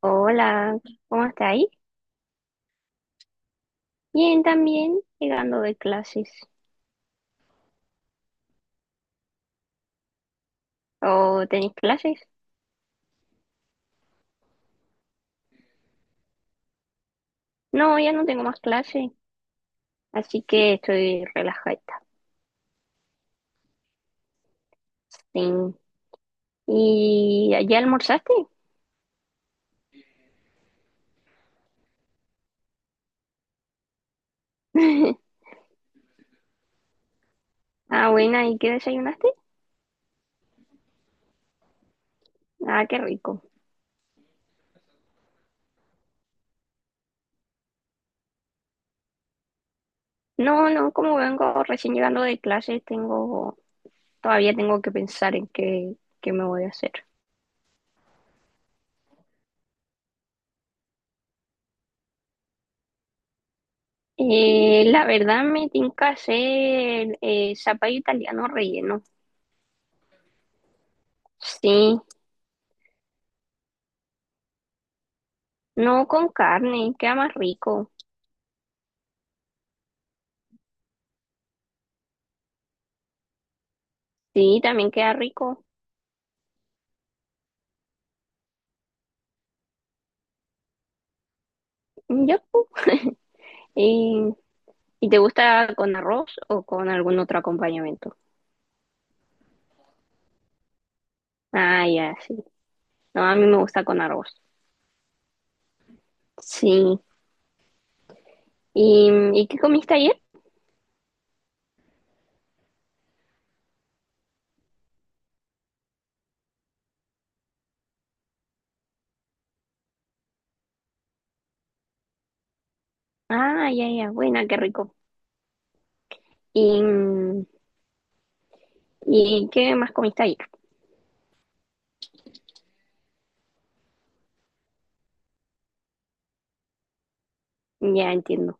Hola, ¿cómo está ahí? Bien, también llegando de clases. ¿O tenéis clases? No, ya no tengo más clases, así que estoy relajada. Sí. ¿Y ya almorzaste? Ah, buena, ¿y qué desayunaste? Ah, qué rico. No, no, como vengo recién llegando de clases, todavía tengo que pensar en qué me voy a hacer. La verdad me tinca hacer zapallo italiano relleno. Sí. No, con carne queda más rico. Sí, también queda rico. Yo, y, ¿Y te gusta con arroz o con algún otro acompañamiento? Ah, ya, sí. No, a mí me gusta con arroz. Sí. ¿Y qué comiste ayer? Ah, ya, ya, buena, qué rico. ¿Y, ¿y qué más comiste ayer? Ya entiendo.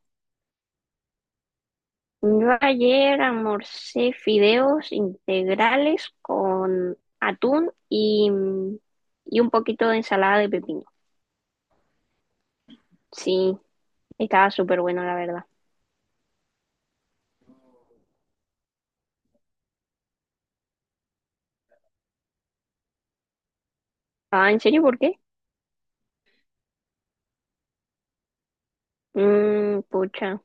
Yo ayer almorcé fideos integrales con atún y un poquito de ensalada de pepino. Sí, estaba súper bueno, la verdad. Ah, ¿en serio por qué? Mmm, pucha.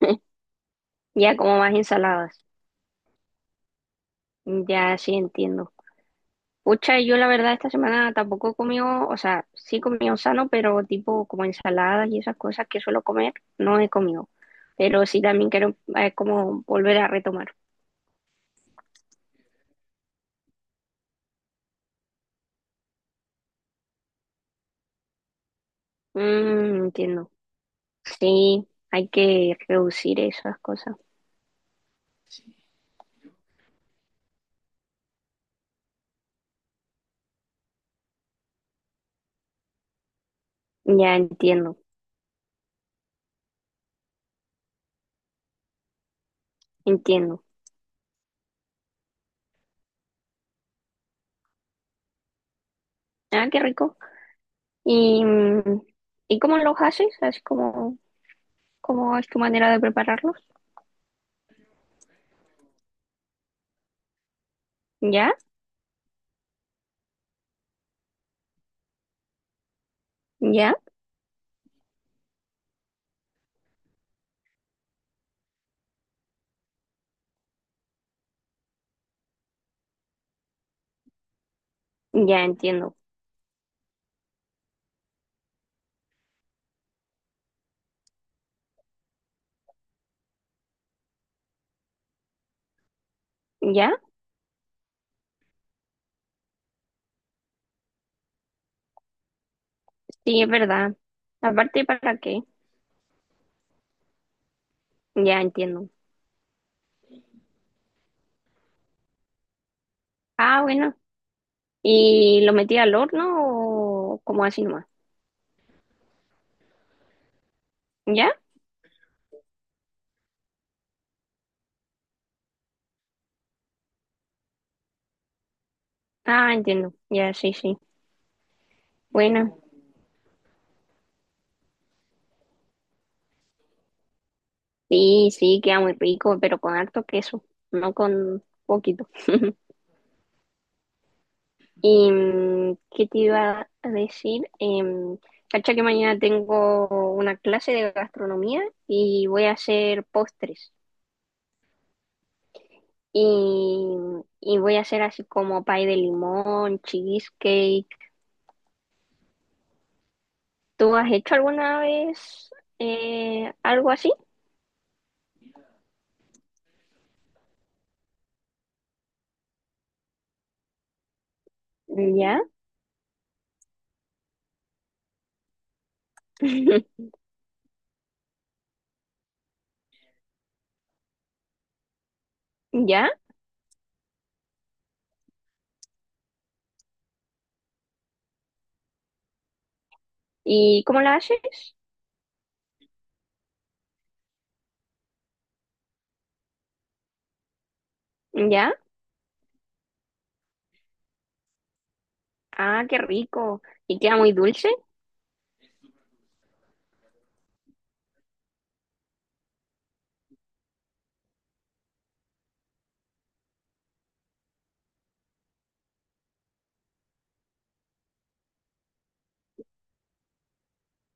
Ya, como más ensaladas. Ya, sí, entiendo. Pucha, yo la verdad esta semana tampoco he comido, o sea, sí he comido sano, pero tipo como ensaladas y esas cosas que suelo comer, no he comido. Pero sí también quiero como volver a retomar. Mmm, entiendo. Sí, hay que reducir esas cosas. Ya entiendo, entiendo. Ah, qué rico. ¿Y, y cómo los haces? Así como... ¿cómo es tu manera de prepararlos? ¿Ya? ¿Ya? Ya entiendo. ¿Ya? Sí, es verdad. Aparte, ¿para qué? Ya entiendo. Ah, bueno. ¿Y lo metí al horno o como así nomás? ¿Ya? Ah, entiendo. Ya, sí, sí. Bueno. Sí, sí, queda muy rico, pero con harto queso, no con poquito. ¿Y qué te iba a decir? Em, cacha que mañana tengo una clase de gastronomía y voy a hacer postres. Y, y voy a hacer así como pie de limón, cheesecake. ¿Tú has hecho alguna vez algo así? ¿Ya? ¿Ya? ¿Y cómo la haces? ¿Ya? Ah, qué rico. ¿Y queda muy dulce?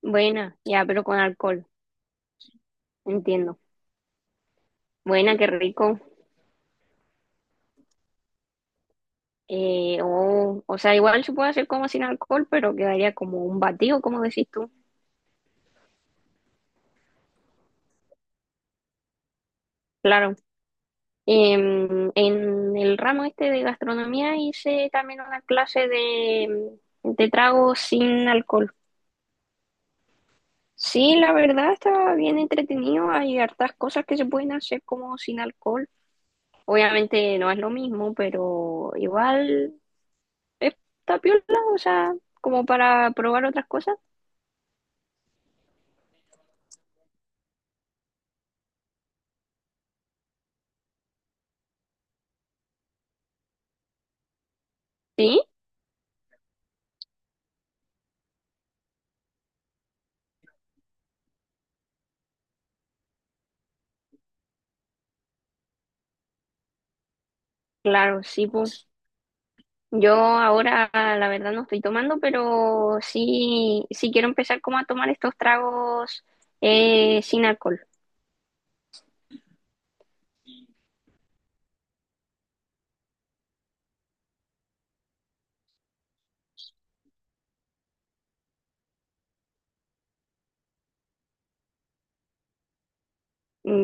Buena, ya, pero con alcohol, entiendo. Buena, qué rico. Oh, o sea, igual se puede hacer como sin alcohol, pero quedaría como un batido, como decís tú. Claro. Em, en el ramo este de gastronomía hice también una clase de tragos sin alcohol. Sí, la verdad está bien entretenido. Hay hartas cosas que se pueden hacer como sin alcohol. Obviamente no es lo mismo, pero igual está piola, o sea, como para probar otras cosas. Sí, claro, sí, pues yo ahora la verdad no estoy tomando, pero sí, sí quiero empezar como a tomar estos tragos sin alcohol.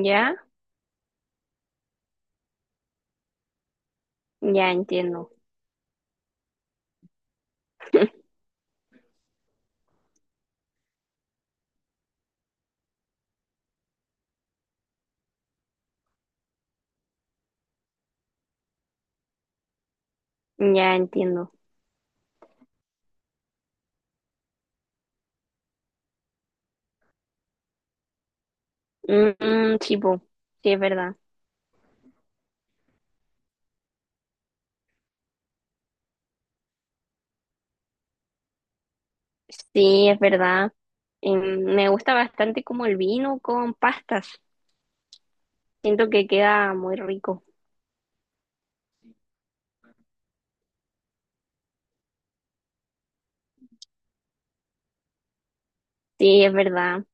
Ya, ya entiendo. Ya entiendo. Mm, sí, po, sí, es verdad. Sí, es verdad. Em, me gusta bastante como el vino con pastas. Siento que queda muy rico. Sí, es verdad.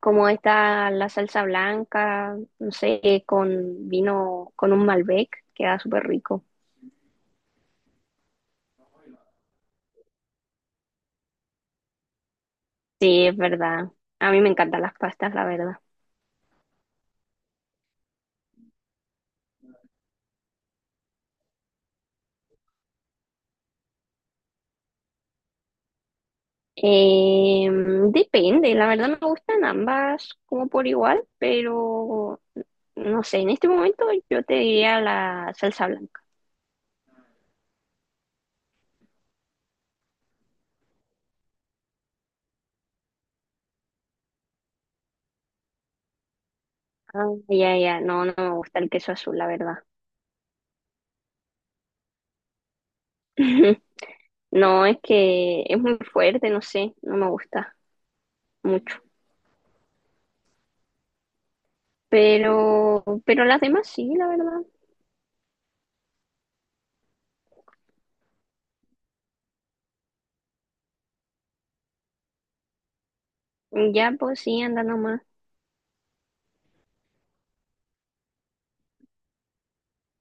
Como está la salsa blanca, no sé, con vino, con un Malbec, queda súper rico. Sí, es verdad. A mí me encantan las pastas, la verdad. Em, depende, la verdad me gustan ambas como por igual, pero no sé, en este momento yo te diría la salsa blanca. Ah, ya, ya, no, no me gusta el queso azul, la verdad. No, es que es muy fuerte, no sé, no me gusta mucho. Pero las demás sí, la verdad. Ya, pues sí, anda nomás.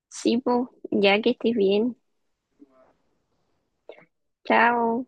Sí, pues, ya que estés bien. Chao.